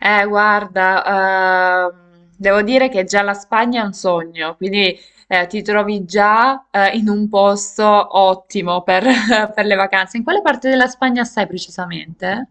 Guarda, devo dire che già la Spagna è un sogno, quindi ti trovi già in un posto ottimo per, per le vacanze. In quale parte della Spagna stai precisamente?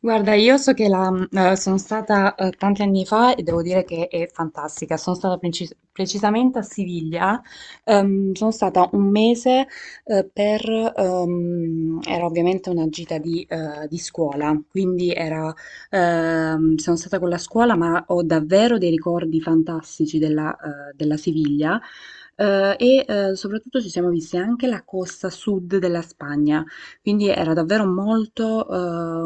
Guarda, io so che sono stata tanti anni fa e devo dire che è fantastica. Sono stata precisamente a Siviglia. Sono stata un mese eh, per, era ovviamente una gita di scuola, quindi sono stata con la scuola, ma ho davvero dei ricordi fantastici della Siviglia. E soprattutto ci siamo visti anche la costa sud della Spagna. Quindi era davvero molto,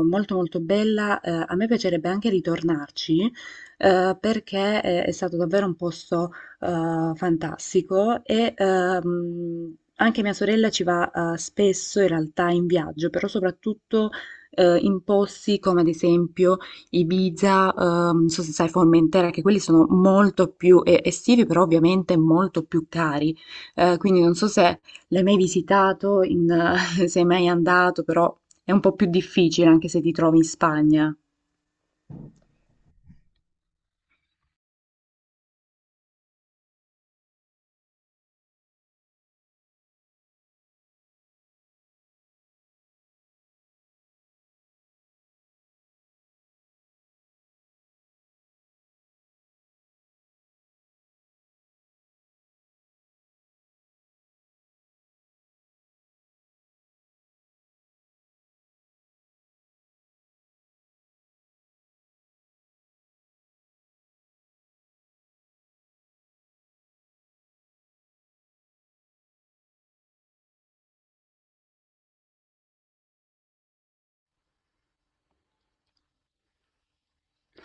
ehm, molto, molto bella. A me piacerebbe anche ritornarci, perché è stato davvero un posto, fantastico e anche mia sorella ci va, spesso in realtà in viaggio, però soprattutto, in posti come ad esempio Ibiza, non so se sai Formentera, che quelli sono molto più estivi, però ovviamente molto più cari. Quindi non so se l'hai mai visitato in, sei mai andato, però è un po' più difficile anche se ti trovi in Spagna.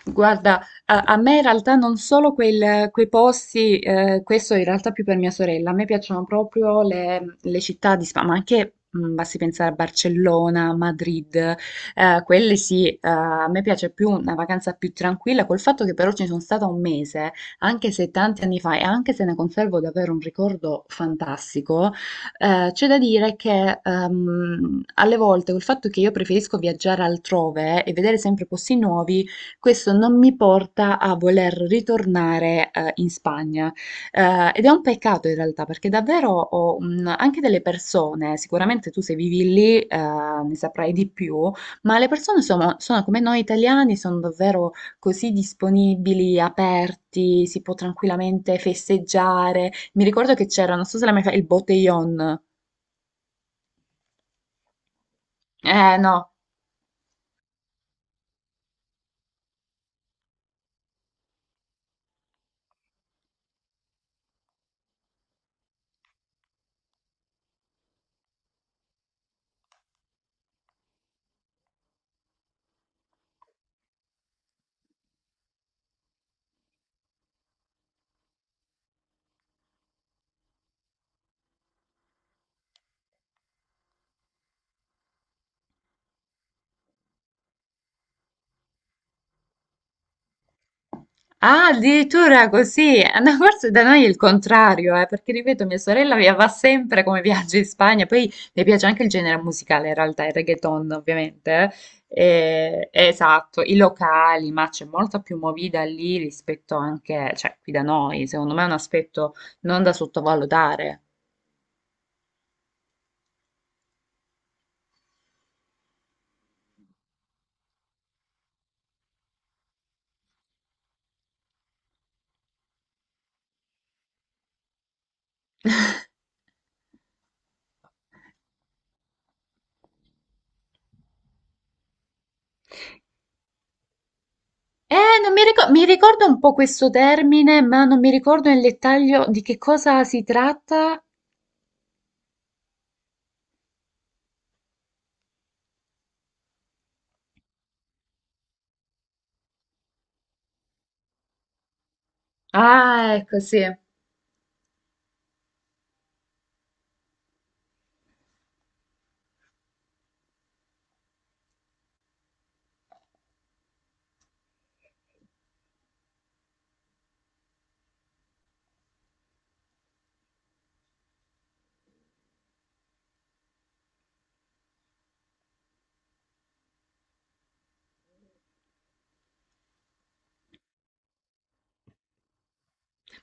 Guarda, a me in realtà non solo quei posti, questo in realtà più per mia sorella, a me piacciono proprio le città di Spagna, ma anche basti pensare a Barcellona, Madrid, quelle sì, a me piace più una vacanza più tranquilla, col fatto che però ci sono stata un mese, anche se tanti anni fa, e anche se ne conservo davvero un ricordo fantastico, c'è da dire che alle volte col fatto che io preferisco viaggiare altrove e vedere sempre posti nuovi, questo non mi porta a voler ritornare, in Spagna, ed è un peccato in realtà perché davvero ho, anche delle persone sicuramente tu se vivi lì, ne saprai di più, ma le persone sono come noi italiani, sono davvero così disponibili, aperti, si può tranquillamente festeggiare. Mi ricordo che c'era, non so se l'hai mai fa il Botellón. No. Ah, addirittura così. Ah, no, forse da noi è il contrario, perché ripeto, mia sorella va sempre come viaggio in Spagna, poi le piace anche il genere musicale, in realtà, il reggaeton, ovviamente. Esatto, i locali, ma c'è molta più movida lì rispetto anche, cioè, qui da noi, secondo me è un aspetto non da sottovalutare. Non mi ricordo un po' questo termine, ma non mi ricordo nel dettaglio di che cosa si tratta. Ah, ecco, sì.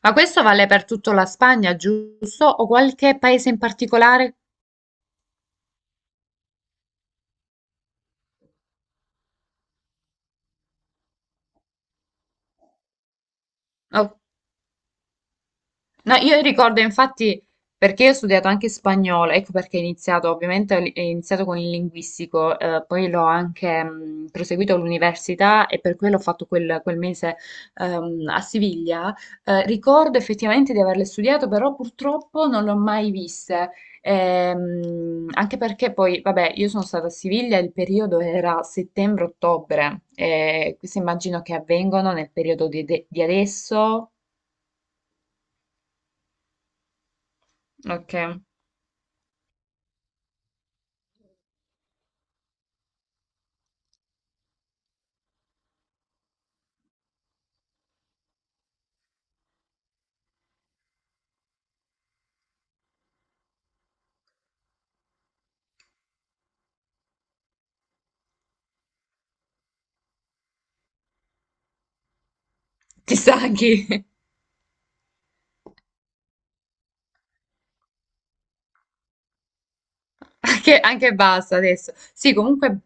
Ma questo vale per tutto la Spagna, giusto, o qualche paese in particolare? Ok. No, io ricordo infatti perché io ho studiato anche spagnolo, ecco perché ho iniziato, ovviamente ho iniziato con il linguistico, poi l'ho anche proseguito all'università e per quello ho fatto quel mese a Siviglia. Ricordo effettivamente di averle studiato, però purtroppo non le ho mai viste. Anche perché poi, vabbè, io sono stata a Siviglia, il periodo era settembre-ottobre, e questo immagino che avvengono nel periodo di adesso. Ok. Chissà chi, anche basta adesso. Sì, comunque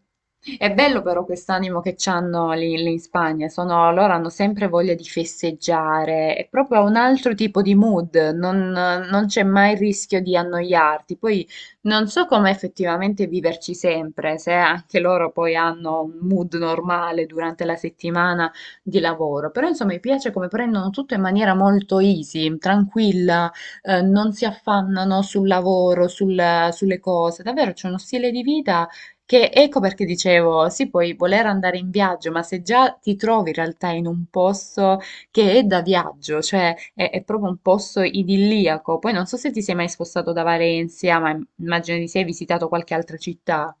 è bello però quest'animo che c'hanno lì in Spagna, loro hanno sempre voglia di festeggiare, è proprio un altro tipo di mood, non c'è mai il rischio di annoiarti. Poi non so come effettivamente viverci sempre, se anche loro poi hanno un mood normale durante la settimana di lavoro, però insomma mi piace come prendono tutto in maniera molto easy, tranquilla. Non si affannano sul lavoro, sulle cose. Davvero c'è uno stile di vita che, ecco perché dicevo, sì, puoi voler andare in viaggio, ma se già ti trovi in realtà in un posto che è da viaggio, cioè è proprio un posto idilliaco. Poi non so se ti sei mai spostato da Valencia, ma immagino di sì, hai visitato qualche altra città.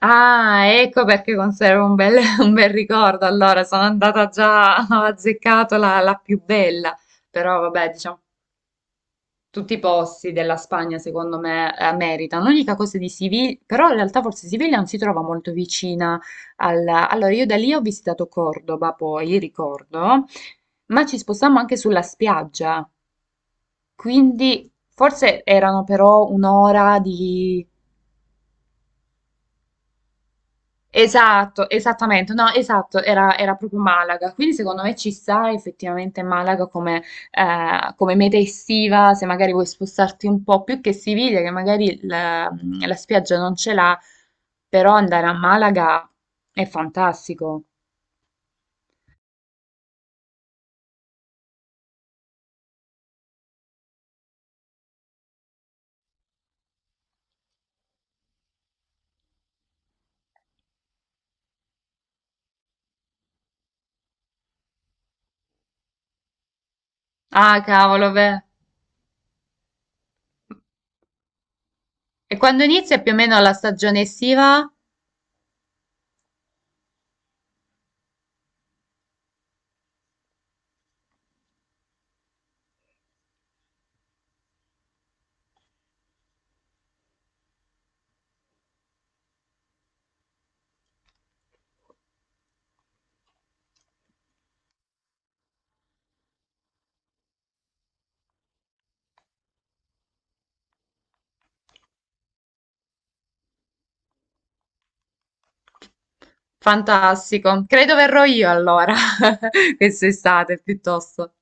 Ah, ecco perché conservo un bel, un bel ricordo. Allora, sono andata già, ho azzeccato la più bella, però vabbè, diciamo tutti i posti della Spagna, secondo me, meritano. L'unica cosa di Siviglia, però in realtà forse Siviglia non si trova molto vicina. Allora, io da lì ho visitato Cordoba, poi, ricordo, ma ci spostammo anche sulla spiaggia, quindi forse erano però un'ora di Esatto, esattamente, no, esatto, era proprio Malaga, quindi secondo me ci sta effettivamente Malaga come meta estiva, se magari vuoi spostarti un po' più che Siviglia, che magari la spiaggia non ce l'ha, però andare a Malaga è fantastico. Ah, cavolo, beh. E quando inizia più o meno la stagione estiva? Fantastico, credo verrò io allora, quest'estate piuttosto.